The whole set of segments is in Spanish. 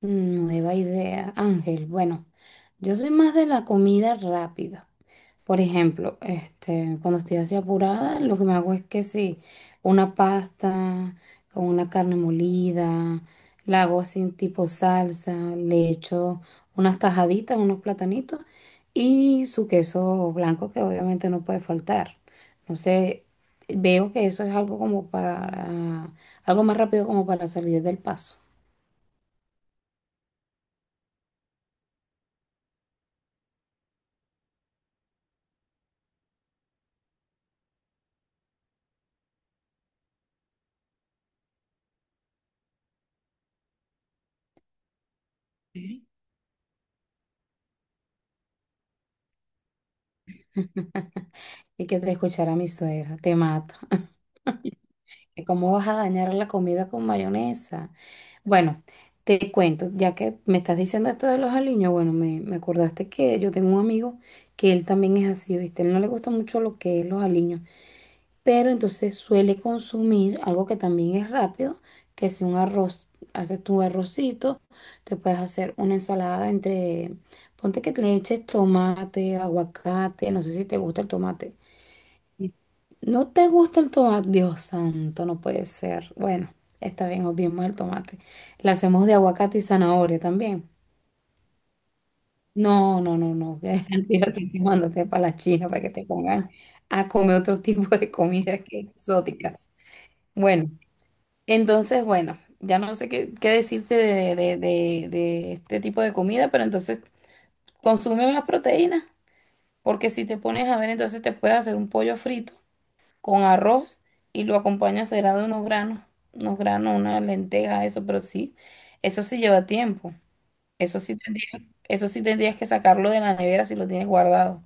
Nueva idea, Ángel. Bueno, yo soy más de la comida rápida. Por ejemplo, cuando estoy así apurada, lo que me hago es que sí, una pasta con una carne molida, la hago así en tipo salsa, le echo unas tajaditas, unos platanitos y su queso blanco que obviamente no puede faltar. No sé, veo que eso es algo como para, algo más rápido como para salir del paso. Y que te escuchara mi suegra, te mata. ¿Cómo vas a dañar la comida con mayonesa? Bueno, te cuento, ya que me estás diciendo esto de los aliños, bueno, me acordaste que yo tengo un amigo que él también es así, ¿viste? Él no le gusta mucho lo que es los aliños, pero entonces suele consumir algo que también es rápido, que es un arroz. Haces tu arrocito, te puedes hacer una ensalada entre, ponte que le eches tomate, aguacate, no sé si te gusta el tomate, no te gusta el tomate, Dios santo, no puede ser. Bueno, está bien, obviemos el tomate. La hacemos de aguacate y zanahoria también. No, no, no, no. Ya, digo que te mandaste para la China para que te pongan a comer otro tipo de comidas que exóticas. Bueno, entonces, bueno, ya no sé qué, qué decirte de este tipo de comida, pero entonces consume más proteínas, porque si te pones a ver, entonces te puedes hacer un pollo frito con arroz y lo acompaña será de unos granos, una lenteja, eso, pero sí, eso sí lleva tiempo. Eso sí tendrías, eso sí tendrías que sacarlo de la nevera si lo tienes guardado.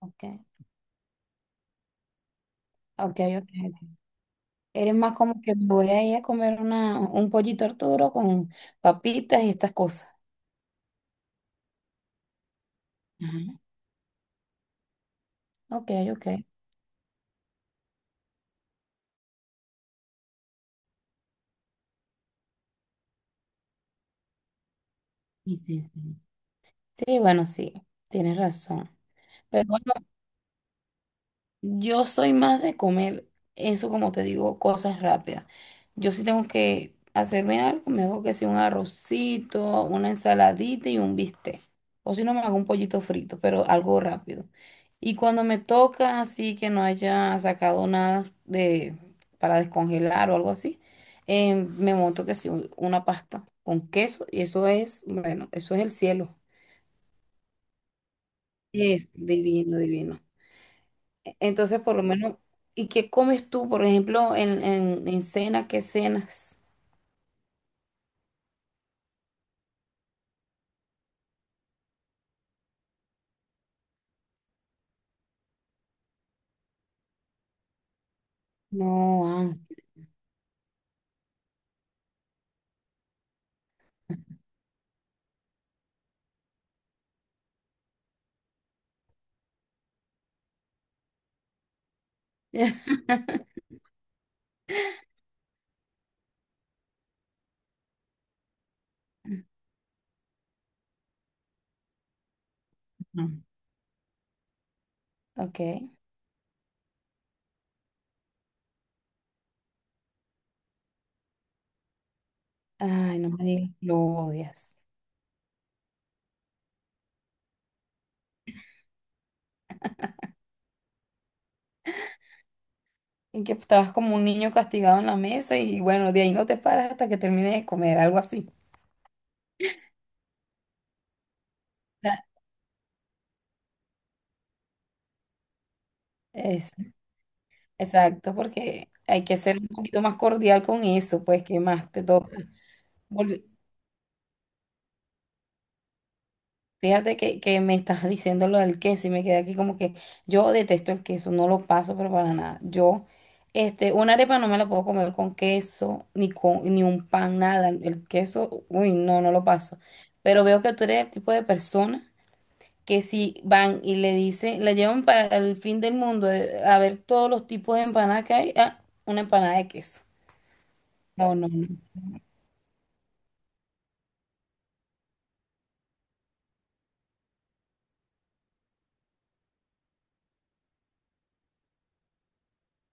Ok, ok, ok. Eres más como que me voy a ir a comer una, un pollito Arturo con papitas y estas cosas. Ajá. Ok, ok. Y sí, sí. Sí, bueno, sí, tienes razón. Pero bueno, yo soy más de comer eso, como te digo, cosas rápidas. Yo sí tengo que hacerme algo, me hago que sea un arrocito, una ensaladita y un bistec. O si no, me hago un pollito frito, pero algo rápido. Y cuando me toca así que no haya sacado nada de para descongelar o algo así, me monto que sí, una pasta con queso y eso es, bueno, eso es el cielo. Es divino, divino. Entonces, por lo menos, ¿y qué comes tú, por ejemplo, en cena? ¿Qué cenas? No, ah. Ujú. Ok. Ay, no me digas, lo odias. Y que estabas como un niño castigado en la mesa y bueno, de ahí no te paras hasta que termines de comer, algo así. Ya, es- exacto, porque hay que ser un poquito más cordial con eso, pues, ¿qué más te toca? Volve- Fíjate que me estás diciendo lo del queso y me quedé aquí como que yo detesto el queso, no lo paso, pero para nada. Yo, una arepa no me la puedo comer con queso, ni con, ni un pan, nada. El queso, uy, no, no lo paso. Pero veo que tú eres el tipo de persona que si van y le dicen, la llevan para el fin del mundo, a ver todos los tipos de empanadas que hay, ah, una empanada de queso. No, no, no.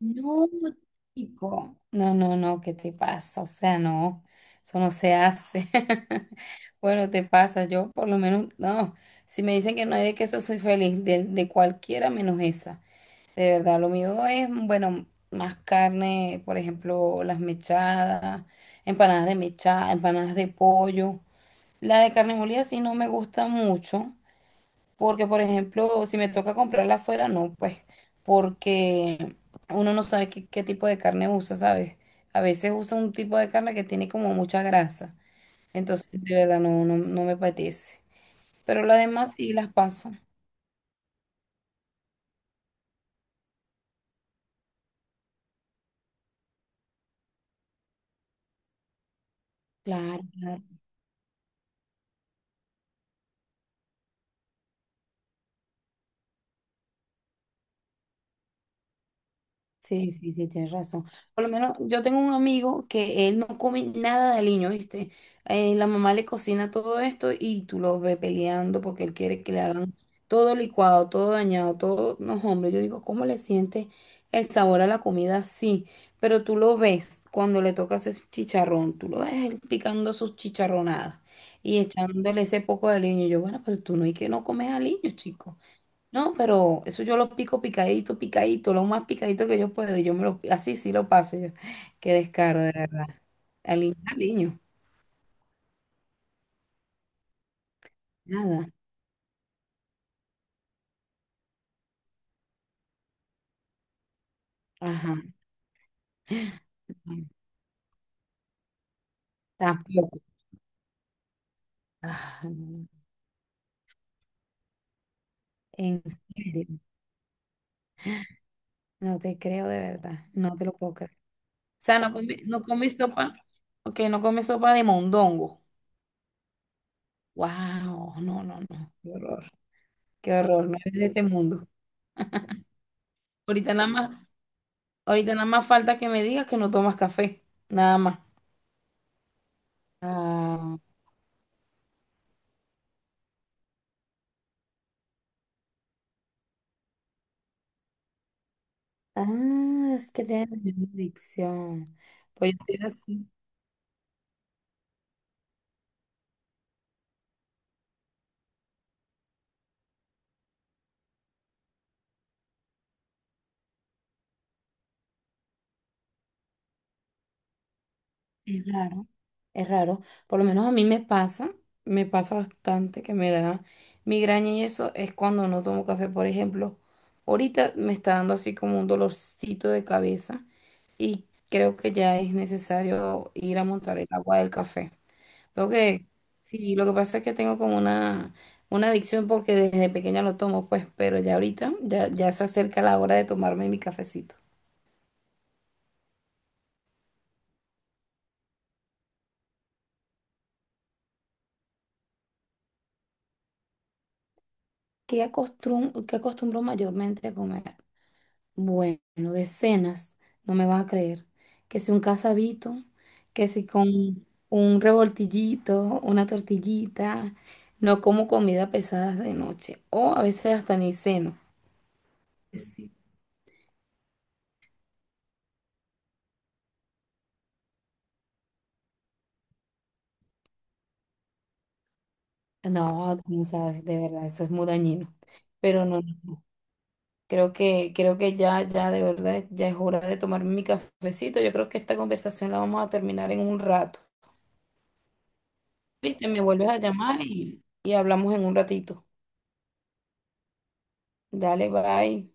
No, chico. No, no, no, ¿qué te pasa? O sea, no, eso no se hace. Bueno, te pasa, yo por lo menos, no, si me dicen que no hay de queso, soy feliz, de cualquiera menos esa. De verdad, lo mío es, bueno, más carne, por ejemplo, las mechadas, empanadas de mechada, empanadas de pollo. La de carne molida sí no me gusta mucho, porque, por ejemplo, si me toca comprarla afuera, no, pues, porque uno no sabe qué, qué tipo de carne usa, ¿sabes? A veces usa un tipo de carne que tiene como mucha grasa. Entonces, de verdad, no, no, no me apetece. Pero las demás sí las paso. Claro, claro. Sí, sí, sí, tienes razón. Por lo menos yo tengo un amigo que él no come nada de aliño, ¿viste? La mamá le cocina todo esto y tú lo ves peleando porque él quiere que le hagan todo licuado, todo dañado, todo. No, hombre, yo digo, ¿cómo le siente el sabor a la comida? Sí, pero tú lo ves cuando le tocas ese chicharrón, tú lo ves él picando sus chicharronadas y echándole ese poco de aliño. Yo, bueno, pero tú no hay que no comes aliño, chico. No, pero eso yo lo pico picadito, picadito, lo más picadito que yo puedo. Y yo me lo, así sí lo paso. Yo. Qué descaro, de verdad. Al niño, nada. Ajá. Tampoco. Ah, no. En serio. No te creo de verdad. No te lo puedo creer. O sea, no comí sopa. Ok, no comí sopa de mondongo. Wow, no, no, no. Qué horror. Qué horror. No eres de este mundo. Ahorita nada más, ahorita nada más falta que me digas que no tomas café. Nada más. Ah. Ah, es que tienen la misma adicción. Pues yo estoy así. Es raro, es raro. Por lo menos a mí me pasa bastante que me da migraña y eso es cuando no tomo café, por ejemplo. Ahorita me está dando así como un dolorcito de cabeza y creo que ya es necesario ir a montar el agua del café. Lo que, sí, lo que pasa es que tengo como una adicción porque desde pequeña lo tomo, pues, pero ya ahorita ya, ya se acerca la hora de tomarme mi cafecito. Qué acostumbro mayormente a comer? Bueno, decenas, no me vas a creer. Que si un casabito, que si con un revoltillito, una tortillita, no como comida pesada de noche o a veces hasta ni ceno. Sí. No, tú no sabes, de verdad, eso es muy dañino. Pero no, creo que ya, ya de verdad, ya es hora de tomarme mi cafecito. Yo creo que esta conversación la vamos a terminar en un rato. Viste, me vuelves a llamar y hablamos en un ratito. Dale, bye.